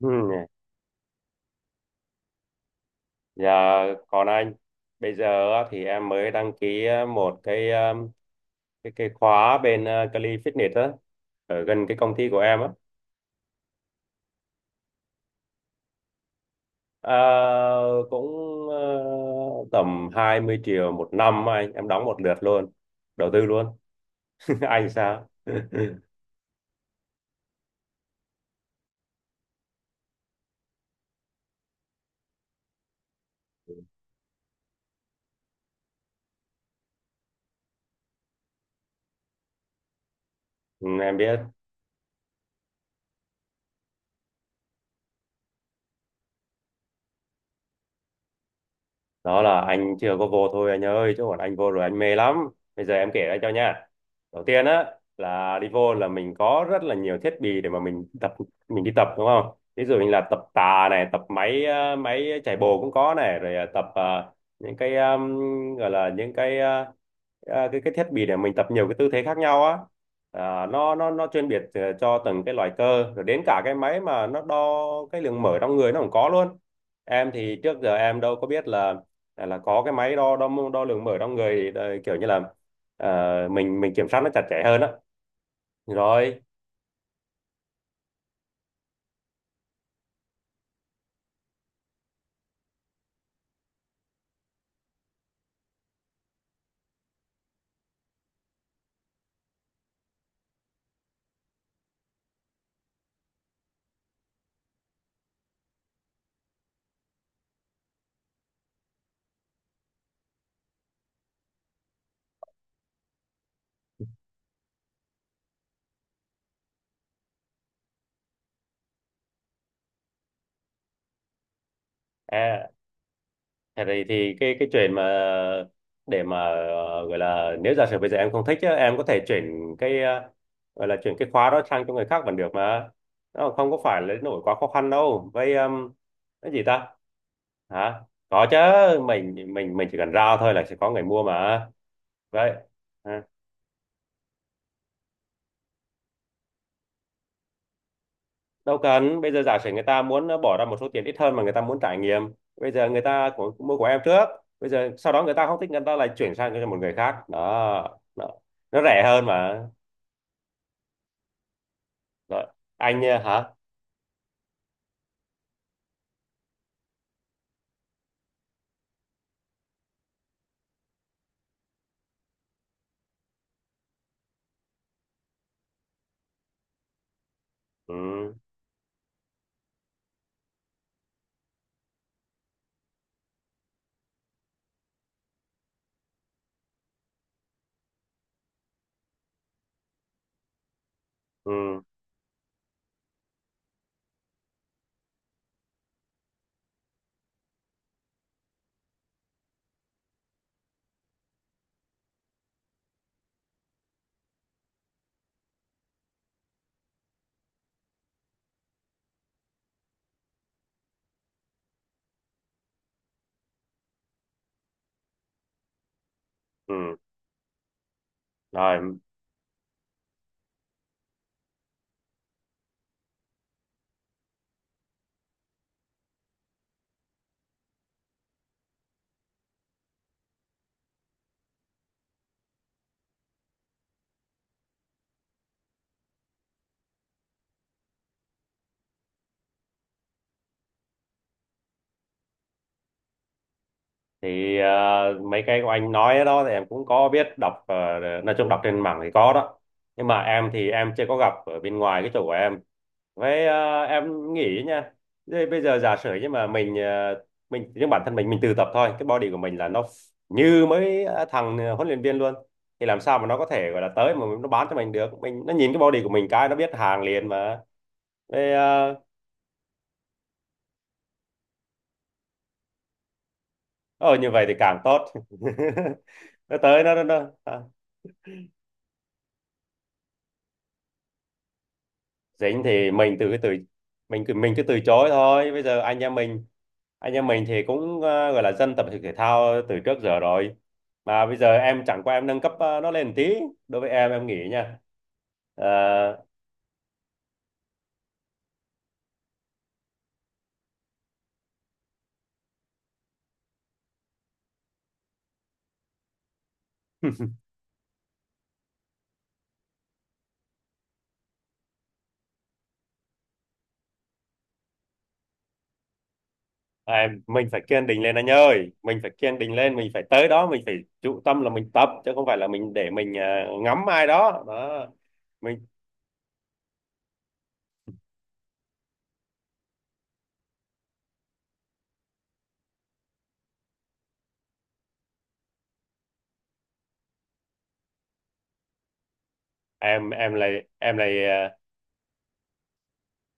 Ừ. Dạ, còn anh bây giờ á thì em mới đăng ký một cái cái khóa bên Cali Fitness á, ở gần cái công ty của em á. Ờ, Cũng ờ, tầm 20 triệu một năm á, anh, em đóng một lượt luôn, đầu tư luôn. Anh sao? Ừ, em biết. Đó là anh chưa có vô thôi anh ơi, chứ còn anh vô rồi anh mê lắm. Bây giờ em kể ra cho nha. Đầu tiên á là đi vô là mình có rất là nhiều thiết bị để mà mình tập, mình đi tập, đúng không? Ví dụ như là tập tạ này, tập máy máy chạy bộ cũng có này, rồi những cái gọi là những cái cái thiết bị để mình tập nhiều cái tư thế khác nhau á. À, nó chuyên biệt cho từng cái loại cơ, rồi đến cả cái máy mà nó đo cái lượng mỡ trong người nó cũng có luôn. Em thì trước giờ em đâu có biết là là có cái máy đo đo đo lượng mỡ trong người, thì kiểu như là ờ, mình kiểm soát nó chặt chẽ hơn á. Rồi. À, thế thì cái chuyện mà để mà gọi là, nếu giả sử bây giờ em không thích á, em có thể chuyển cái gọi là chuyển cái khóa đó sang cho người khác vẫn được mà. Nó không có phải là nổi quá khó khăn đâu. Vậy cái gì ta? Hả? Có chứ. Mình chỉ cần ra thôi là sẽ có người mua mà. Vậy đâu cần. Bây giờ giả sử người ta muốn bỏ ra một số tiền ít hơn mà người ta muốn trải nghiệm. Bây giờ người ta mua của em trước. Bây giờ sau đó người ta không thích, người ta lại chuyển sang cho một người khác đó. Nó, nó rẻ hơn mà. Rồi. Anh hả? Ừ. Ừ. Ừ. Rồi, thì mấy cái của anh nói đó thì em cũng có biết, đọc nói chung đọc trên mạng thì có đó. Nhưng mà em thì em chưa có gặp ở bên ngoài cái chỗ của em. Vậy em nghĩ nha. Thế bây giờ giả sử, nhưng mà mình bản thân mình tự tập thôi, cái body của mình là nó như mấy thằng huấn luyện viên luôn. Thì làm sao mà nó có thể gọi là tới mà nó bán cho mình được. Mình, nó nhìn cái body của mình cái nó biết hàng liền mà. Vậy. Ờ ờ, Như vậy thì càng tốt. Nó tới nó. Dính thì mình từ cái từ mình cứ từ chối thôi. Bây giờ anh em mình thì cũng gọi là dân tập thể dục thể thao từ trước giờ rồi. Mà bây giờ em chẳng qua em nâng cấp nó lên một tí. Đối với em nghĩ nha. Ờ, em, mình phải kiên định lên anh ơi, mình phải kiên định lên, mình phải tới đó mình phải chú tâm là mình tập chứ không phải là mình để mình ngắm ai đó đó. Mình. em em là em là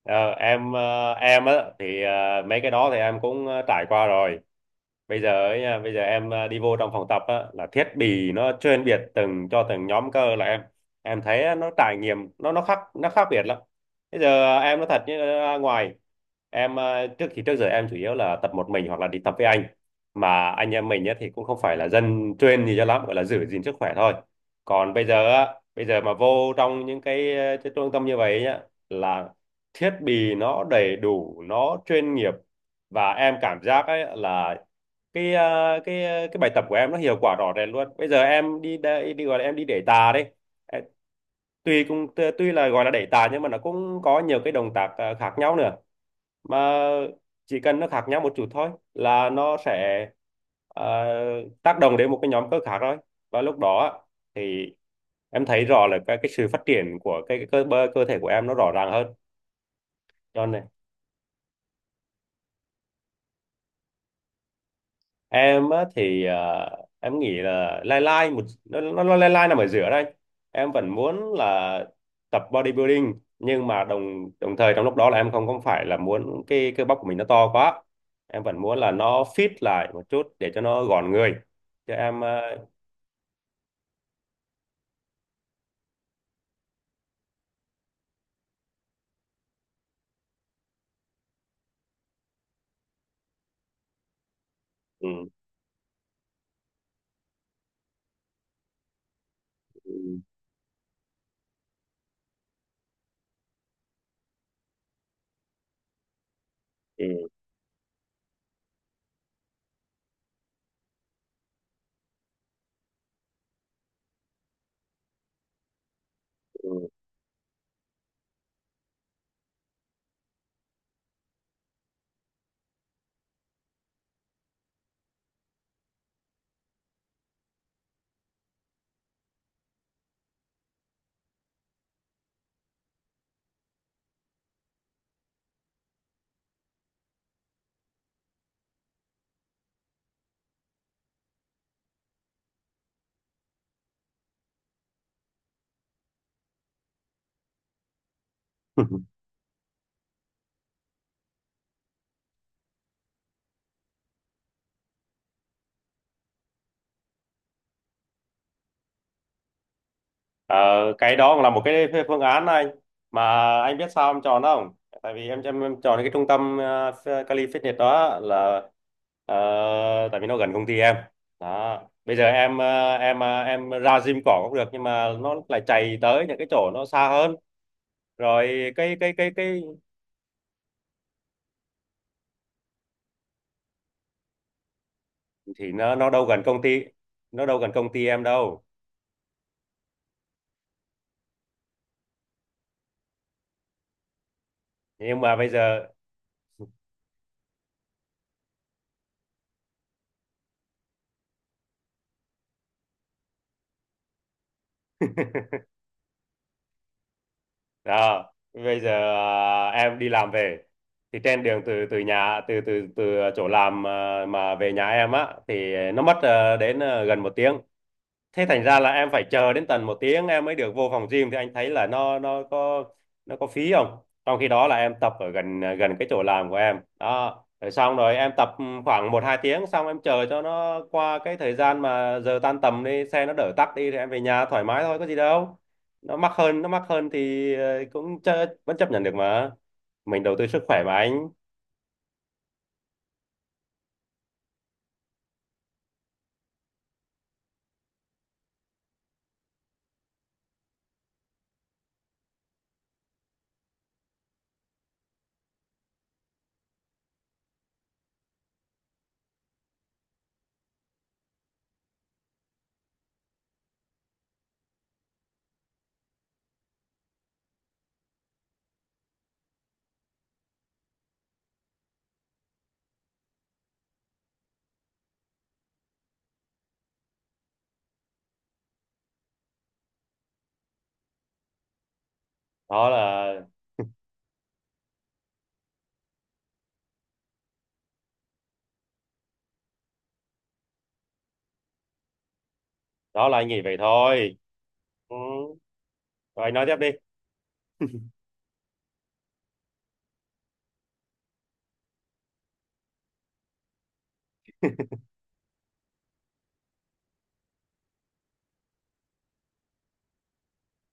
Ờ, em ờ, em á thì mấy cái đó thì em cũng trải qua rồi. Bây giờ ấy nha, bây giờ em đi vô trong phòng tập á là thiết bị nó chuyên biệt từng cho từng nhóm cơ là em thấy á, nó trải nghiệm nó nó khác biệt lắm. Bây giờ em nói thật, như ra ngoài em trước giờ em chủ yếu là tập một mình hoặc là đi tập với anh. Mà anh em mình á thì cũng không phải là dân chuyên gì cho lắm, gọi là giữ gìn sức khỏe thôi. Còn bây giờ á, bây giờ mà vô trong những cái, cái trung tâm như vậy nhá, là thiết bị nó đầy đủ, nó chuyên nghiệp, và em cảm giác ấy là cái cái bài tập của em nó hiệu quả rõ rệt luôn. Bây giờ em đi đây đi, gọi là em đi đẩy tạ đấy. Em- tuy cũng tuy là gọi là đẩy tạ nhưng mà nó cũng có nhiều cái động tác khác nhau nữa. Mà chỉ cần nó khác nhau một chút thôi là nó sẽ ờ, tác động đến một cái nhóm cơ khác thôi. Và lúc đó á thì em thấy rõ là cái sự phát triển của cơ thể của em nó rõ ràng hơn. Cho nên em á thì em nghĩ là lai lai nó lai lai nằm ở giữa đây. Em vẫn muốn là tập bodybuilding nhưng mà đồng đồng thời trong lúc đó là em không không phải là muốn cái cơ bắp của mình nó to quá. Em vẫn muốn là nó fit lại một chút để cho nó gọn người, cho em ừ. Ừ. Ừ. Ờ, cái đó cũng là một cái phương án anh. Mà anh biết sao em chọn không? Tại vì em chọn cái trung tâm Cali Fitness đó là tại vì nó gần công ty em. Đó. Bây giờ em ra gym cỏ cũng được nhưng mà nó lại chạy tới những cái chỗ nó xa hơn. Rồi. Cái thì Nó đâu gần công ty, nó đâu gần công ty em đâu. Nhưng mà bây giờ. Đó. Bây giờ à, em đi làm về thì trên đường từ từ nhà từ từ từ chỗ làm à, mà về nhà em á thì nó mất à, đến à, gần một tiếng. Thế thành ra là em phải chờ đến tận một tiếng em mới được vô phòng gym, thì anh thấy là nó nó có phí không. Trong khi đó là em tập ở gần gần cái chỗ làm của em đó, rồi xong rồi em tập khoảng một hai tiếng, xong em chờ cho nó qua cái thời gian mà giờ tan tầm đi xe nó đỡ tắc đi thì em về nhà thoải mái thôi, có gì đâu. Nó mắc hơn, nó mắc hơn thì cũng chớ, vẫn chấp nhận được mà. Mình đầu tư sức khỏe mà anh. Đó là đó là anh nghĩ vậy thôi. Ừ. Rồi, anh nói tiếp đi.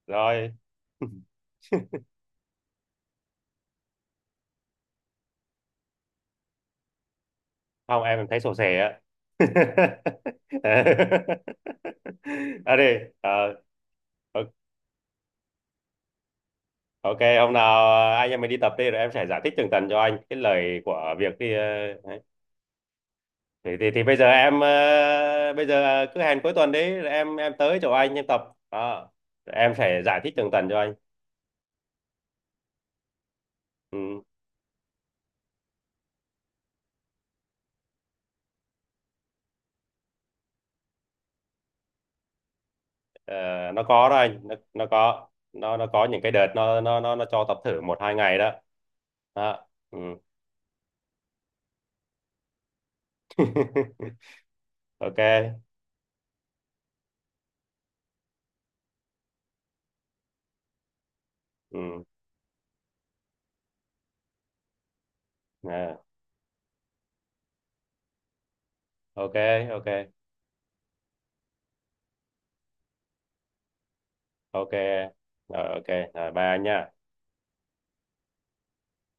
Rồi. Không, em thấy sổ sẻ á. À đi ờ, o- ok, hôm nào anh em mình đi tập đi rồi em sẽ giải thích tường tận cho anh cái lời của việc đi đấy. Thì bây giờ bây giờ cứ hẹn cuối tuần đấy, rồi em tới chỗ anh em tập. Đó. Rồi em sẽ giải thích tường tận cho anh. Ừ. ờ, nó có đó anh, nó có những cái đợt nó cho tập thử một hai ngày đó. Đó. Ừ. Ok. Ừ. À. Ok. Ok. Ok. Rồi. Ok. Rồi, ba nha.